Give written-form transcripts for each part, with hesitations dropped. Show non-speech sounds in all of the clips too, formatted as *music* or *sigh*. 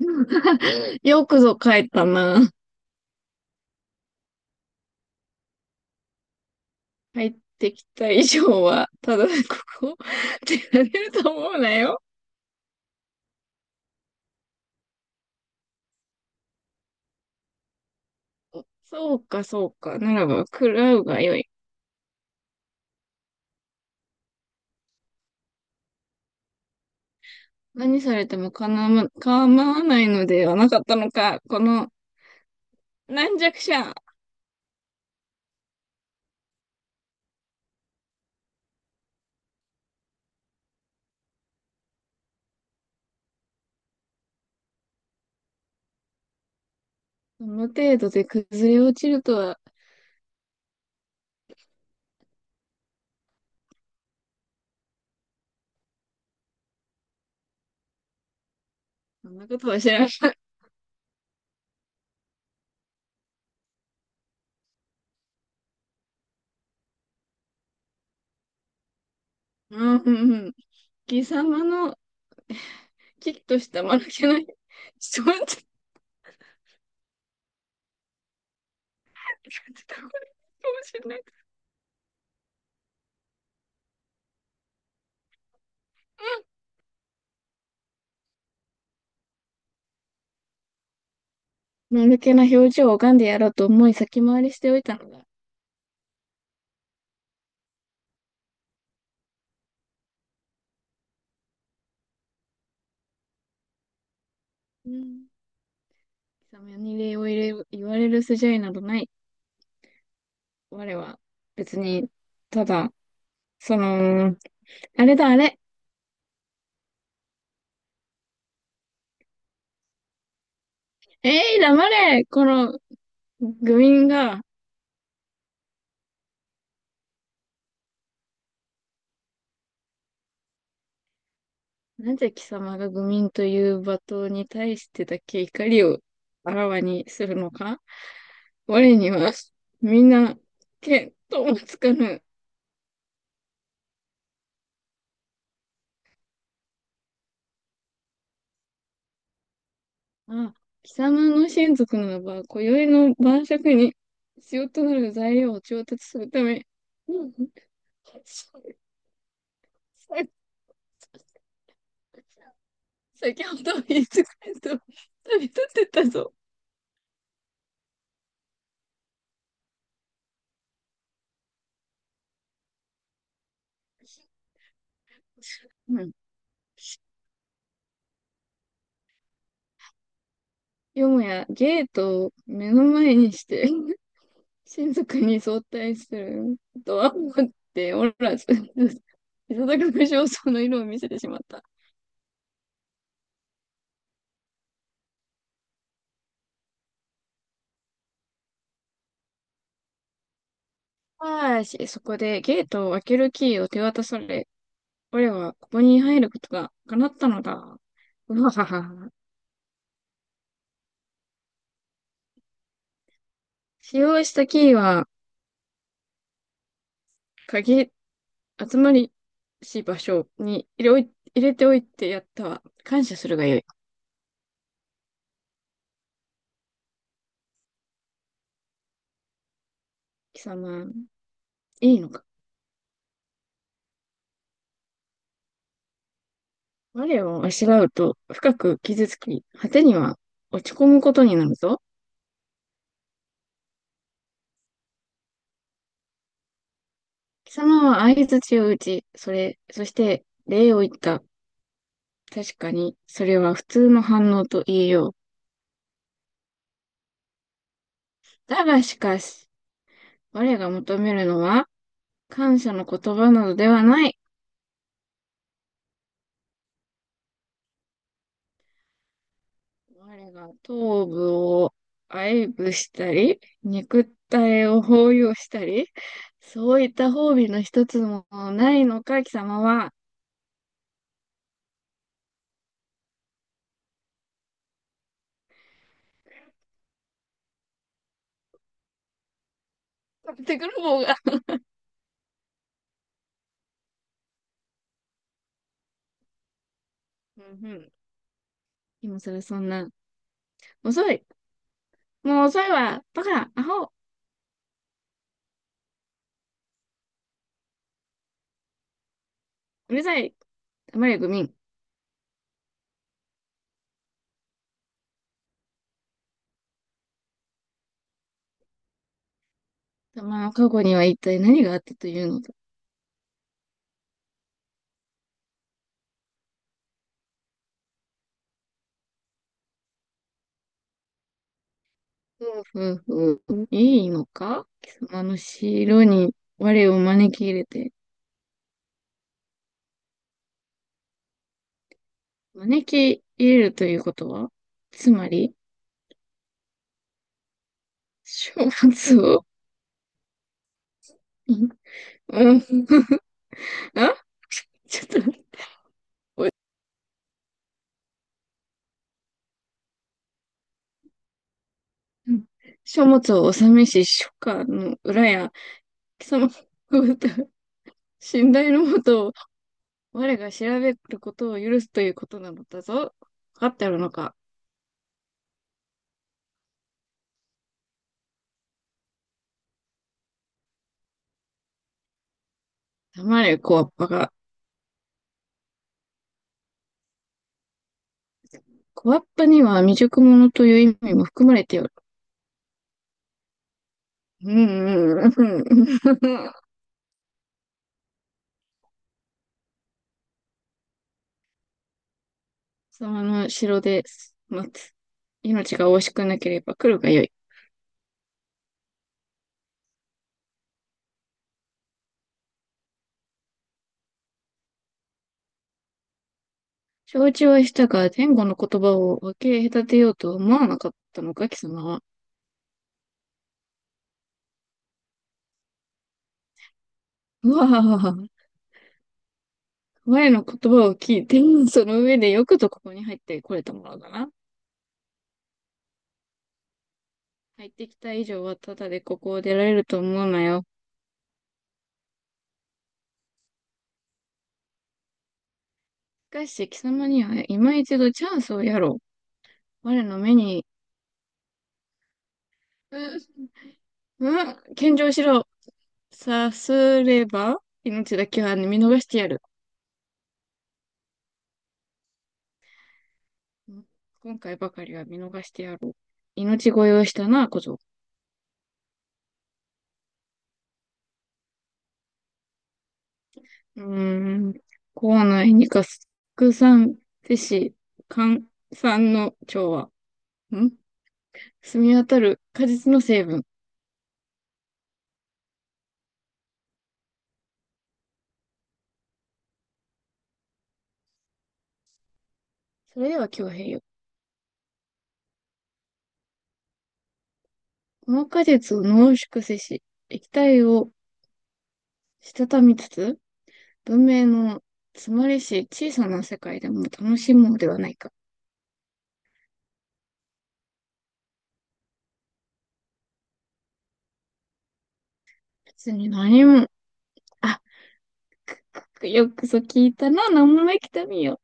*laughs* よくぞ帰ったな。帰ってきた以上は、ただここ、出られると思うなよ。そうか、そうか。ならば、食らうがよい。何されてもかなわ、構わないのではなかったのか。この、軟弱者。この程度で崩れ落ちるとは、そんなことは知らん。うん、うん、うん。貴様の、きっとした間抜けない。ちょっと待って、これかもしれない。ん丸気な表情を拝んでやろうと思い先回りしておいたのだ。うん。貴様に礼を入れ、言われる筋合いなどない。我は別に、ただ、その、あれだあれ。えい、黙れこの愚民が、なぜ貴様が愚民という罵倒に対してだけ怒りをあらわにするのか我には、みんな、見当もつかぬ。あ、貴様の親族ならば、今宵の晩酌に必要となる材料を調達するため、うんさ先ほど言いつかれと旅立ってったぞ。うん。よもやゲートを目の前にして、親族に相対するとは思っておらず、いささく無精の色を見せてしまった。ああし、そこでゲートを開けるキーを手渡され、我はここに入ることが叶ったのだ。うわはは。使用したキーは、鍵、集まりし場所に入れおい、入れておいてやったわ。感謝するがよい。貴様、いいのか。我をあしらうと深く傷つき、果てには落ち込むことになるぞ。貴様は相槌を打ち、それ、そして礼を言った。確かに、それは普通の反応と言えよう。だがしかし、我が求めるのは、感謝の言葉などではない。我が頭部を愛撫したり、肉体を包容したり、そういった褒美の一つもないのか、貴様は。買ってくる方が。うんうん。今更そんな。遅い。もう遅いわ。バカ、アホ、うるさい。黙れ、愚民。貴様の過去には一体何があったというのだ。ふうふうふう。いいのか貴様の城に我を招き入れて。招き入れるということは、つまり、書物を、んうん、あちょっと待って、うん書物を納めし、書家の裏や、貴様の歌信頼のもとを、我が調べることを許すということなのだぞ。わかっておるのか。黙れ、小わっぱが。小わっぱには未熟者という意味も含まれておる。うんうんうんうん。貴様の城で待つ。命が惜しくなければ来るがよい。承知はしたが、前後の言葉を分け隔てようとは思わなかったのか、貴様は。うわあ、我の言葉を聞いて、その上でよくぞここに入ってこれたものだな。入ってきた以上は、ただでここを出られると思うなよ。しかし、貴様には今一度チャンスをやろう。我の目に、う、うん、献上しろ。さすれば、命だけは見逃してやる。今回ばかりは見逃してやろう。命乞いをしたな、小僧。うーん。校内に合作産施し、寒酸の調和。ん澄み渡る果実の成分。それでは強兵よ。この果実を濃縮せし、液体をしたたみつつ、文明の詰まりし小さな世界でも楽しもうではないか。別に何も、あ、よくそ聞いたな、何もないきたみよ。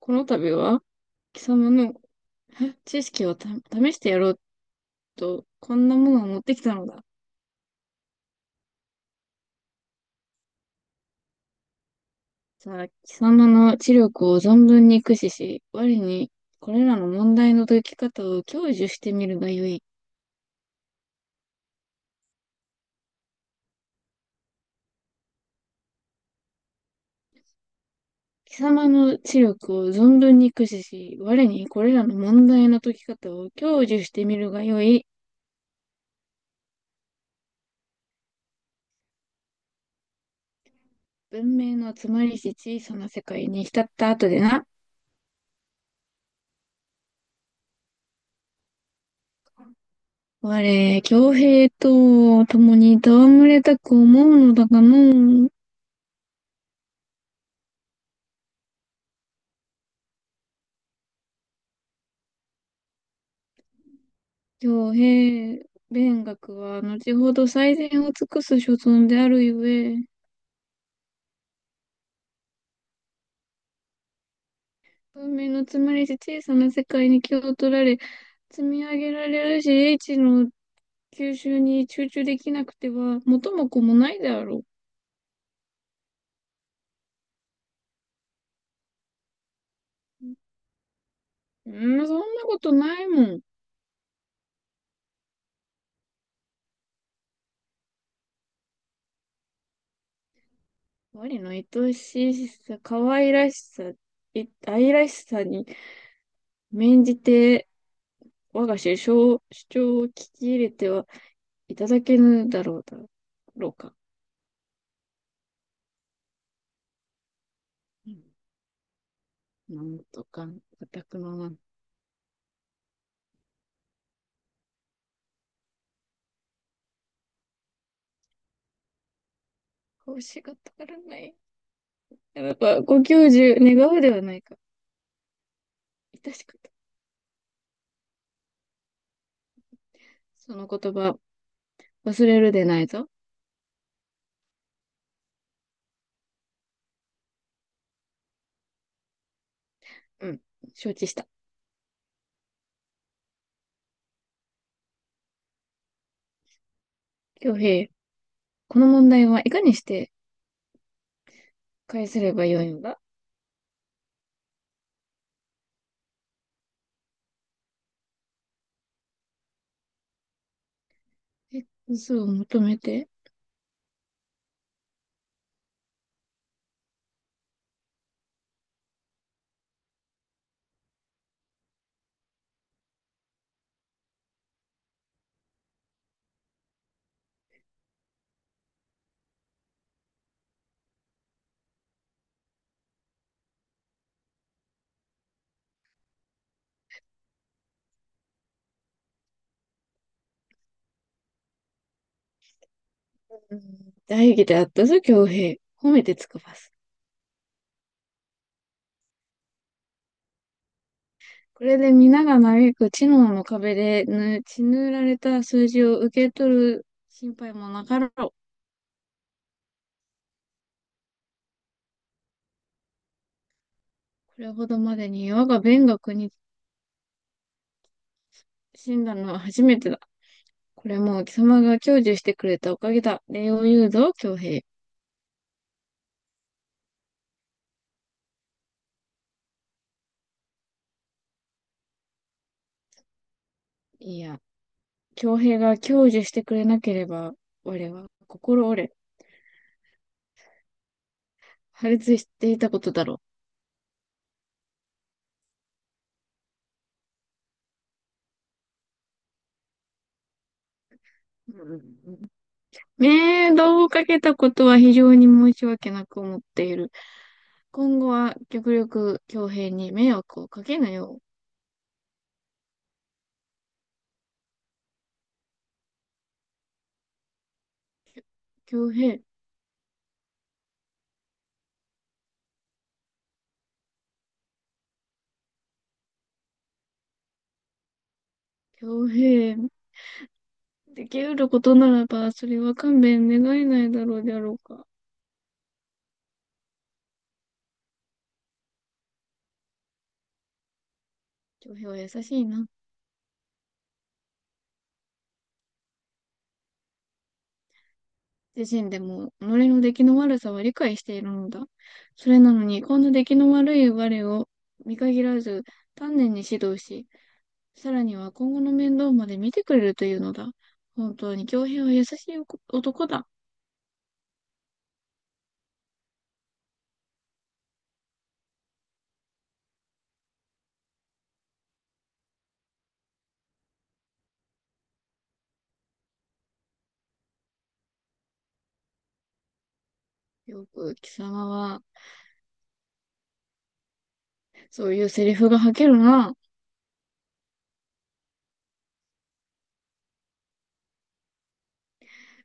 この度は、貴様のえ知識をた試してやろうと、こんなものを持ってきたのだ。さあ、貴様の知力を存分に駆使し、我にこれらの問題の解き方を享受してみるがよい。貴様の知力を存分に駆使し、我にこれらの問題の解き方を享受してみるがよい。文明のつまりし小さな世界に浸った後でな。我、強兵と共に戯れたく思うのだがのう。強兵、勉学は後ほど最善を尽くす所存であるゆえ、文明のつまりし小さな世界に気を取られ、積み上げられるし、英知の吸収に集中できなくては、元も子もないであろう。うん、そんなことないもん。我の愛しさ、可愛らしさ、い愛らしさに免じて、我が主張、主張を聞き入れてはいただけぬだろうだろうか。うんなんとか、私くのなん、こうしがたからない。やっぱ、ご教授願うではないか。致し方。その言葉、忘れるでないぞ。うん。承知した。京平、この問題はいかにして返せればよいのだ。え嘘を求めて。うん大義であったぞ、京平。褒めてつかばす。これで皆が嘆く知能の壁で血塗られた数字を受け取る心配もなかろう。これほどまでに我が勉学に死んだのは初めてだ。これも貴様が享受してくれたおかげだ。礼を言うぞ、京平。いや、恭平が享受してくれなければ、我は心折れ、破裂していたことだろう。んう。道をかけたことは非常に申し訳なく思っている。今後は極力恭平に迷惑をかけなよう。恭平、恭平、できうることならば、それは勘弁願えないだろうであろうか。恭平は優しいな。自身でも己の出来の悪さは理解しているのだ。それなのに、こんな出来の悪い我を見限らず、丹念に指導し、さらには今後の面倒まで見てくれるというのだ。本当に恭平は優しい男だ。よく貴様は、そういうセリフが吐けるな。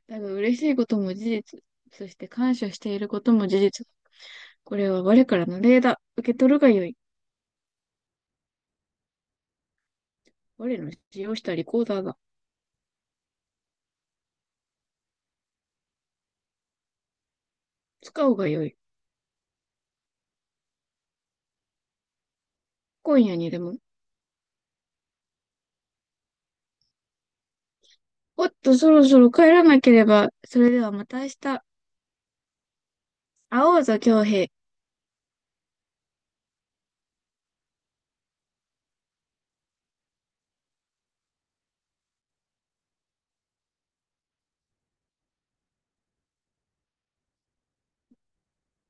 だが嬉しいことも事実。そして感謝していることも事実。これは我からの礼だ。受け取るがよい。我の使用したリコーダーだ。使うがよい。今夜にでもおっと、そろそろ帰らなければ。それではまた明日。会おうぞ、京平。